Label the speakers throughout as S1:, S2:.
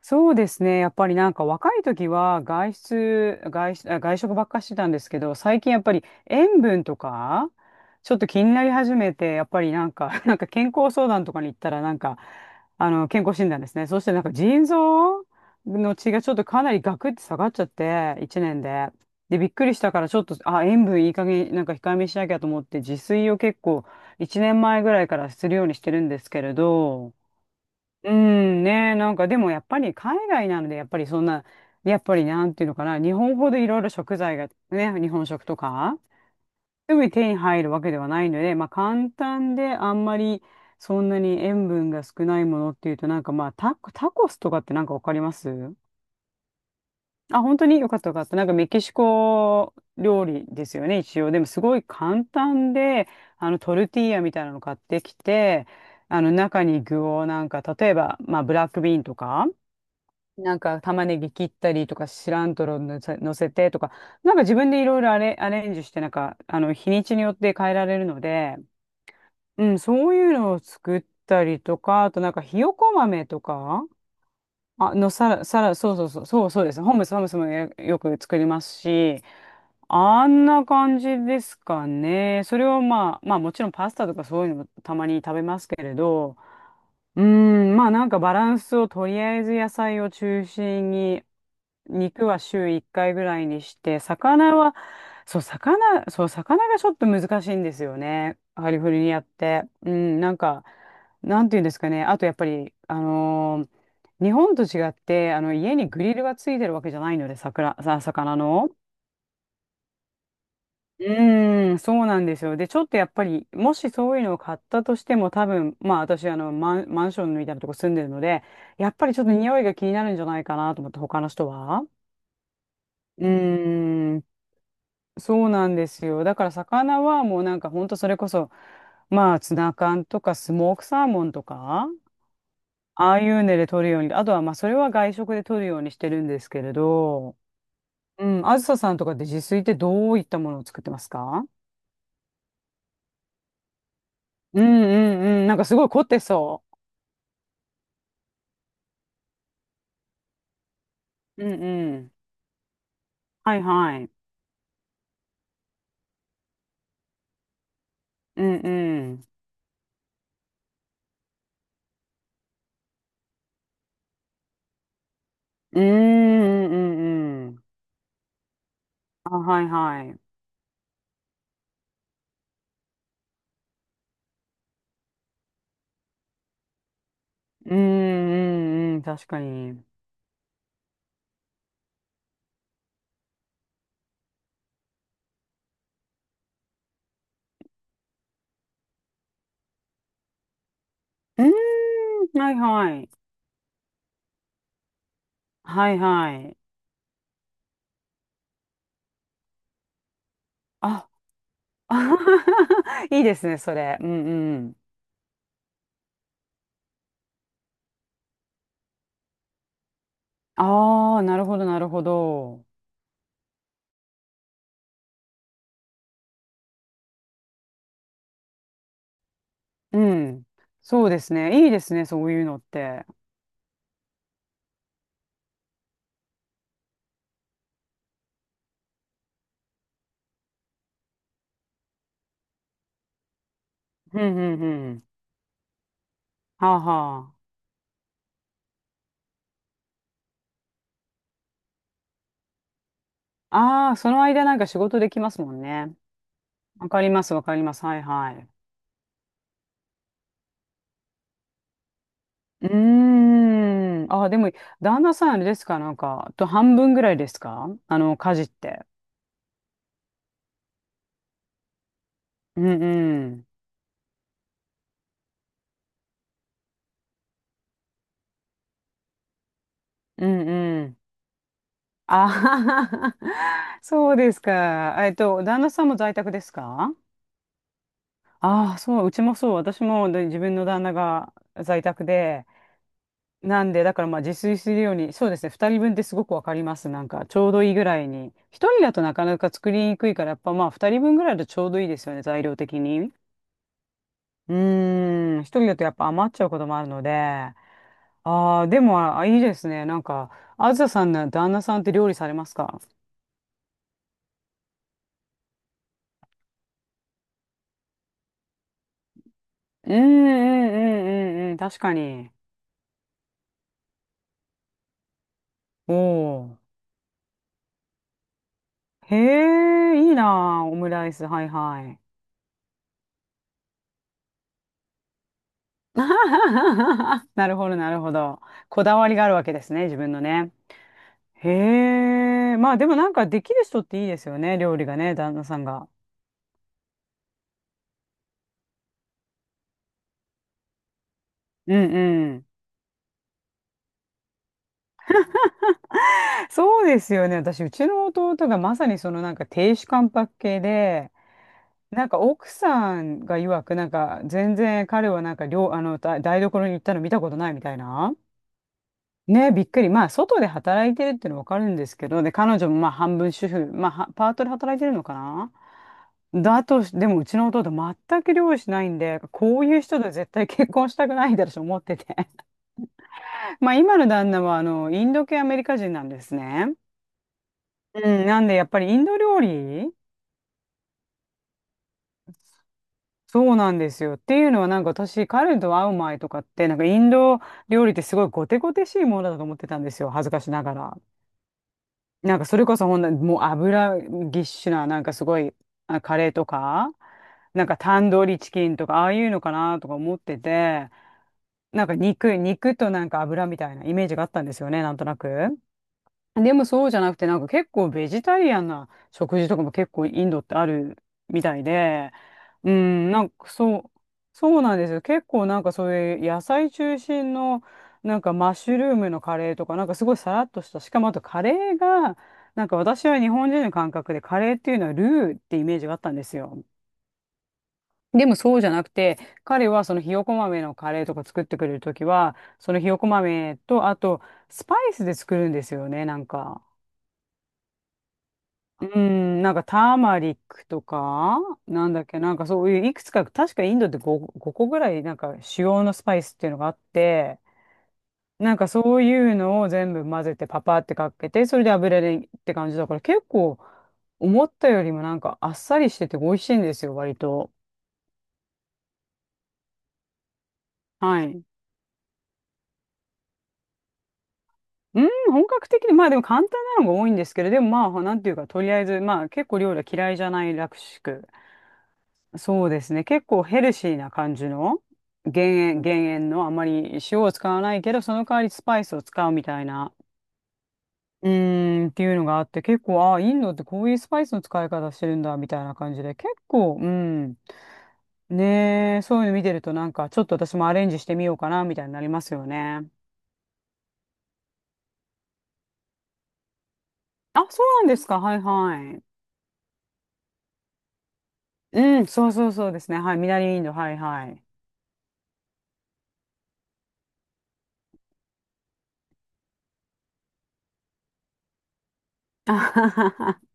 S1: そうですね。やっぱりなんか若い時は外出、外出、あ外食ばっかしてたんですけど、最近やっぱり塩分とか、ちょっと気になり始めて、やっぱりなんか、なんか健康相談とかに行ったら、なんか、健康診断ですね。そしてなんか腎臓の血がちょっとかなりガクって下がっちゃって、1年で。で、びっくりしたから、ちょっと、あ、塩分いい加減、なんか控えめにしなきゃと思って、自炊を結構1年前ぐらいからするようにしてるんですけれど、うん、ね、なんかでもやっぱり海外なので、やっぱりそんな、やっぱりなんていうのかな、日本ほどいろいろ食材がね、日本食とか、すぐに手に入るわけではないので、まあ簡単であんまりそんなに塩分が少ないものっていうと、なんかまあタコスとかってなんかわかります？あ、本当によかったよかった。なんかメキシコ料理ですよね、一応。でもすごい簡単で、あのトルティーヤみたいなの買ってきて、あの中に具をなんか、例えば、まあブラックビーンとか、なんか玉ねぎ切ったりとか、シラントロ乗せてとか、なんか自分でいろいろアレンジして、なんか、日にちによって変えられるので、うん、そういうのを作ったりとか、あとなんかひよこ豆とか、あのサラ、サラ、そうそうそう、そうそうです。ホームスもよく作りますし、あんな感じですかね。それをまあもちろんパスタとかそういうのもたまに食べますけれど、うーん、まあなんかバランスをとりあえず野菜を中心に肉は週1回ぐらいにして、魚は、そう、魚がちょっと難しいんですよね。カリフォルニアって。うん、なんか、なんていうんですかね。あとやっぱり、日本と違って、家にグリルがついてるわけじゃないので、魚の。うーん、そうなんですよ。で、ちょっとやっぱり、もしそういうのを買ったとしても、多分、まあ私、マンションみたいなとこ住んでるので、やっぱりちょっと匂いが気になるんじゃないかなと思って、他の人は。うーん。そうなんですよ。だから魚はもうなんかほんとそれこそ、まあツナ缶とかスモークサーモンとか、ああいうので取るように、あとはまあそれは外食で取るようにしてるんですけれど、うん、あずささんとかって自炊ってどういったものを作ってますか？うんうんうん、なんかすごい凝ってそう。うんうん。はいはい。うんうん。うんうんうんうん。あ、はいはい。うんうんうん、確かに。うん、はいはい。はいはい。あ、あ いいですね、それ。うんうん。ああ、なるほど、なるほど。うん。そうですね。いいですね、そういうのって。うんうんうん。はあはあ。ああ、その間なんか仕事できますもんね。わかります、わかります。はいはい。うーん。ああ、でも、旦那さんあれですか、なんか、と半分ぐらいですか家事って。うんうん。うんうん。ああ、そうですか。旦那さんも在宅ですか？ああ、そう、うちもそう、私もで自分の旦那が在宅で、なんで、だからまあ自炊するように、そうですね、2人分ってすごくわかります。なんか、ちょうどいいぐらいに。1人だとなかなか作りにくいから、やっぱまあ2人分ぐらいだとちょうどいいですよね、材料的に。うーん、1人だとやっぱ余っちゃうこともあるので、ああ、でも、あ、いいですね。なんか、あずささんの旦那さんって料理されますか？うんうんうんうんうん、確かに。おお。へえ、いいなあ、オムライス、はいはい。なるほど、なるほど。こだわりがあるわけですね、自分のね。へえ、まあでもなんかできる人っていいですよね、料理がね、旦那さんが。うんうん。そうですよね。私、うちの弟がまさにそのなんか亭主関白系で、なんか奥さんが曰く、なんか全然彼はなんか料、あの、台台所に行ったの見たことないみたいな。ね、びっくり。まあ、外で働いてるっていうのはわかるんですけど、で、彼女もまあ、半分主婦、まあ、はパートで働いてるのかな？だとし、でも、うちの弟、全く料理しないんで、こういう人と絶対結婚したくないだろうと思ってて。まあ、今の旦那は、インド系アメリカ人なんですね。うん、なんで、やっぱりインド料理そうなんですよ。っていうのは、なんか私、彼と会う前とかって、なんかインド料理ってすごいゴテゴテしいものだと思ってたんですよ。恥ずかしながら。なんかそれこそほんな、もう油ぎっしゅな、なんかすごい、あ、カレーとか、なんかタンドリーチキンとか、ああいうのかなとか思ってて、なんか肉となんか油みたいなイメージがあったんですよね、なんとなく。でもそうじゃなくて、なんか結構ベジタリアンな食事とかも結構インドってあるみたいで、うん、なんかそう、そうなんですよ。結構なんかそういう野菜中心の、なんかマッシュルームのカレーとか、なんかすごいさらっとした、しかもあとカレーが、なんか私は日本人の感覚でカレーっていうのはルーってイメージがあったんですよ。でもそうじゃなくて、彼はそのひよこ豆のカレーとか作ってくれるときは、そのひよこ豆と、あとスパイスで作るんですよね、なんか。うん、なんかターマリックとか、なんだっけ、なんかそういういくつか、確かインドって5、個ぐらいなんか主要のスパイスっていうのがあって、なんかそういうのを全部混ぜてパパってかけて、それで油でって感じだから結構思ったよりもなんかあっさりしてて美味しいんですよ、割と。はい。うん、本格的で、まあでも簡単なのが多いんですけど、でもまあ、なんていうか、とりあえず、まあ結構料理は嫌いじゃないらしく。そうですね。結構ヘルシーな感じの減塩、減塩のあまり塩を使わないけど、その代わりスパイスを使うみたいな、うーんっていうのがあって、結構、ああ、インドってこういうスパイスの使い方してるんだみたいな感じで、結構、うん。ねえ、そういうの見てるとなんか、ちょっと私もアレンジしてみようかなみたいになりますよね。あ、そうなんですか。はいはい。うん、そうそうそうですね。はい。南インド、はいはい。あははは、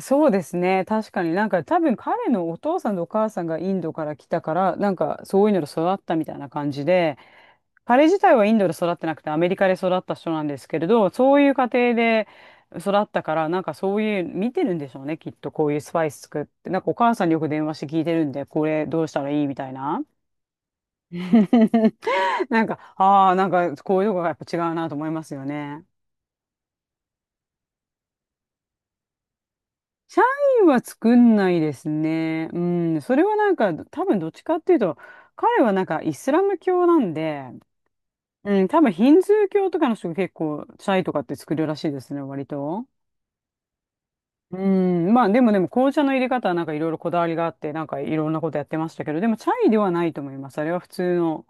S1: そうですね。確かに多分彼のお父さんとお母さんがインドから来たから、なんかそういうので育ったみたいな感じで、彼自体はインドで育ってなくてアメリカで育った人なんですけれど、そういう家庭で育ったから、なんかそういう見てるんでしょうね、きっとこういうスパイス作って。なんかお母さんによく電話して聞いてるんで、これどうしたらいいみたいな。なんか、ああ、なんかこういうとこがやっぱ違うなと思いますよね。社員は作んないですね。うん、それはなんか、多分どっちかっていうと、彼はなんかイスラム教なんで、うん、多分ヒンズー教とかの人が結構、チャイとかって作るらしいですね、割と。うん、まあでも紅茶の入れ方はなんかいろいろこだわりがあって、なんかいろんなことやってましたけど、でもチャイではないと思います。あれは普通の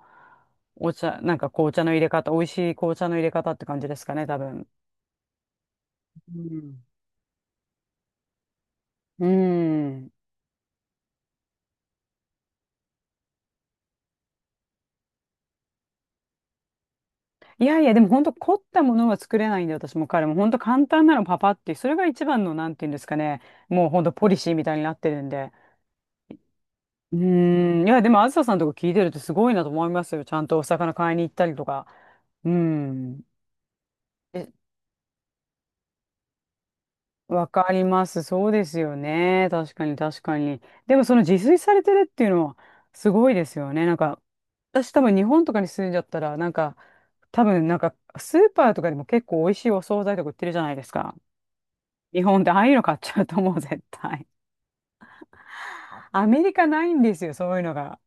S1: お茶、なんか紅茶の入れ方、美味しい紅茶の入れ方って感じですかね、多分。うん。うん、いやいや、でも本当凝ったものは作れないんで、私も彼も本当簡単なのパパってそれが一番の、なんていうんですかね、もう本当ポリシーみたいになってるんで。うーん、いや、でもあずささんとか聞いてるとすごいなと思いますよ。ちゃんとお魚買いに行ったりとか。うーん。え、わかります。そうですよね。確かに確かに。でもその自炊されてるっていうのはすごいですよね。なんか、私多分日本とかに住んじゃったら、なんか、多分なんかスーパーとかでも結構美味しいお惣菜とか売ってるじゃないですか。日本でああいうの買っちゃうと思う、絶対。アメリカないんですよ、そういうのが。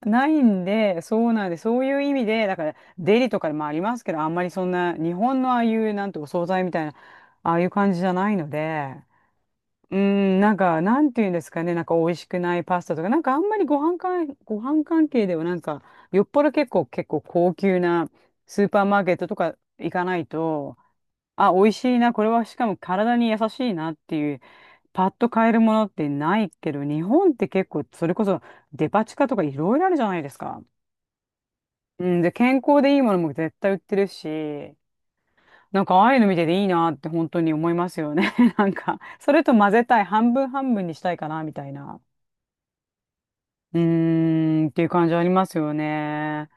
S1: ないんで、そうなんで、そういう意味で、だから、デリとかでもありますけど、あんまりそんな、日本のああいう、なんてお惣菜みたいな、ああいう感じじゃないので、うん、なんか、なんていうんですかね、なんか、美味しくないパスタとか、なんか、あんまりご飯関係では、なんか、よっぽど結構、結構高級なスーパーマーケットとか行かないと、あ、美味しいな、これはしかも体に優しいなっていう、パッと買えるものってないけど、日本って結構、それこそデパ地下とかいろいろあるじゃないですか。うん、で、健康でいいものも絶対売ってるし、なんかああいうの見てていいなって本当に思いますよね。なんか、それと混ぜたい、半分半分にしたいかな、みたいな。うーん、っていう感じありますよね。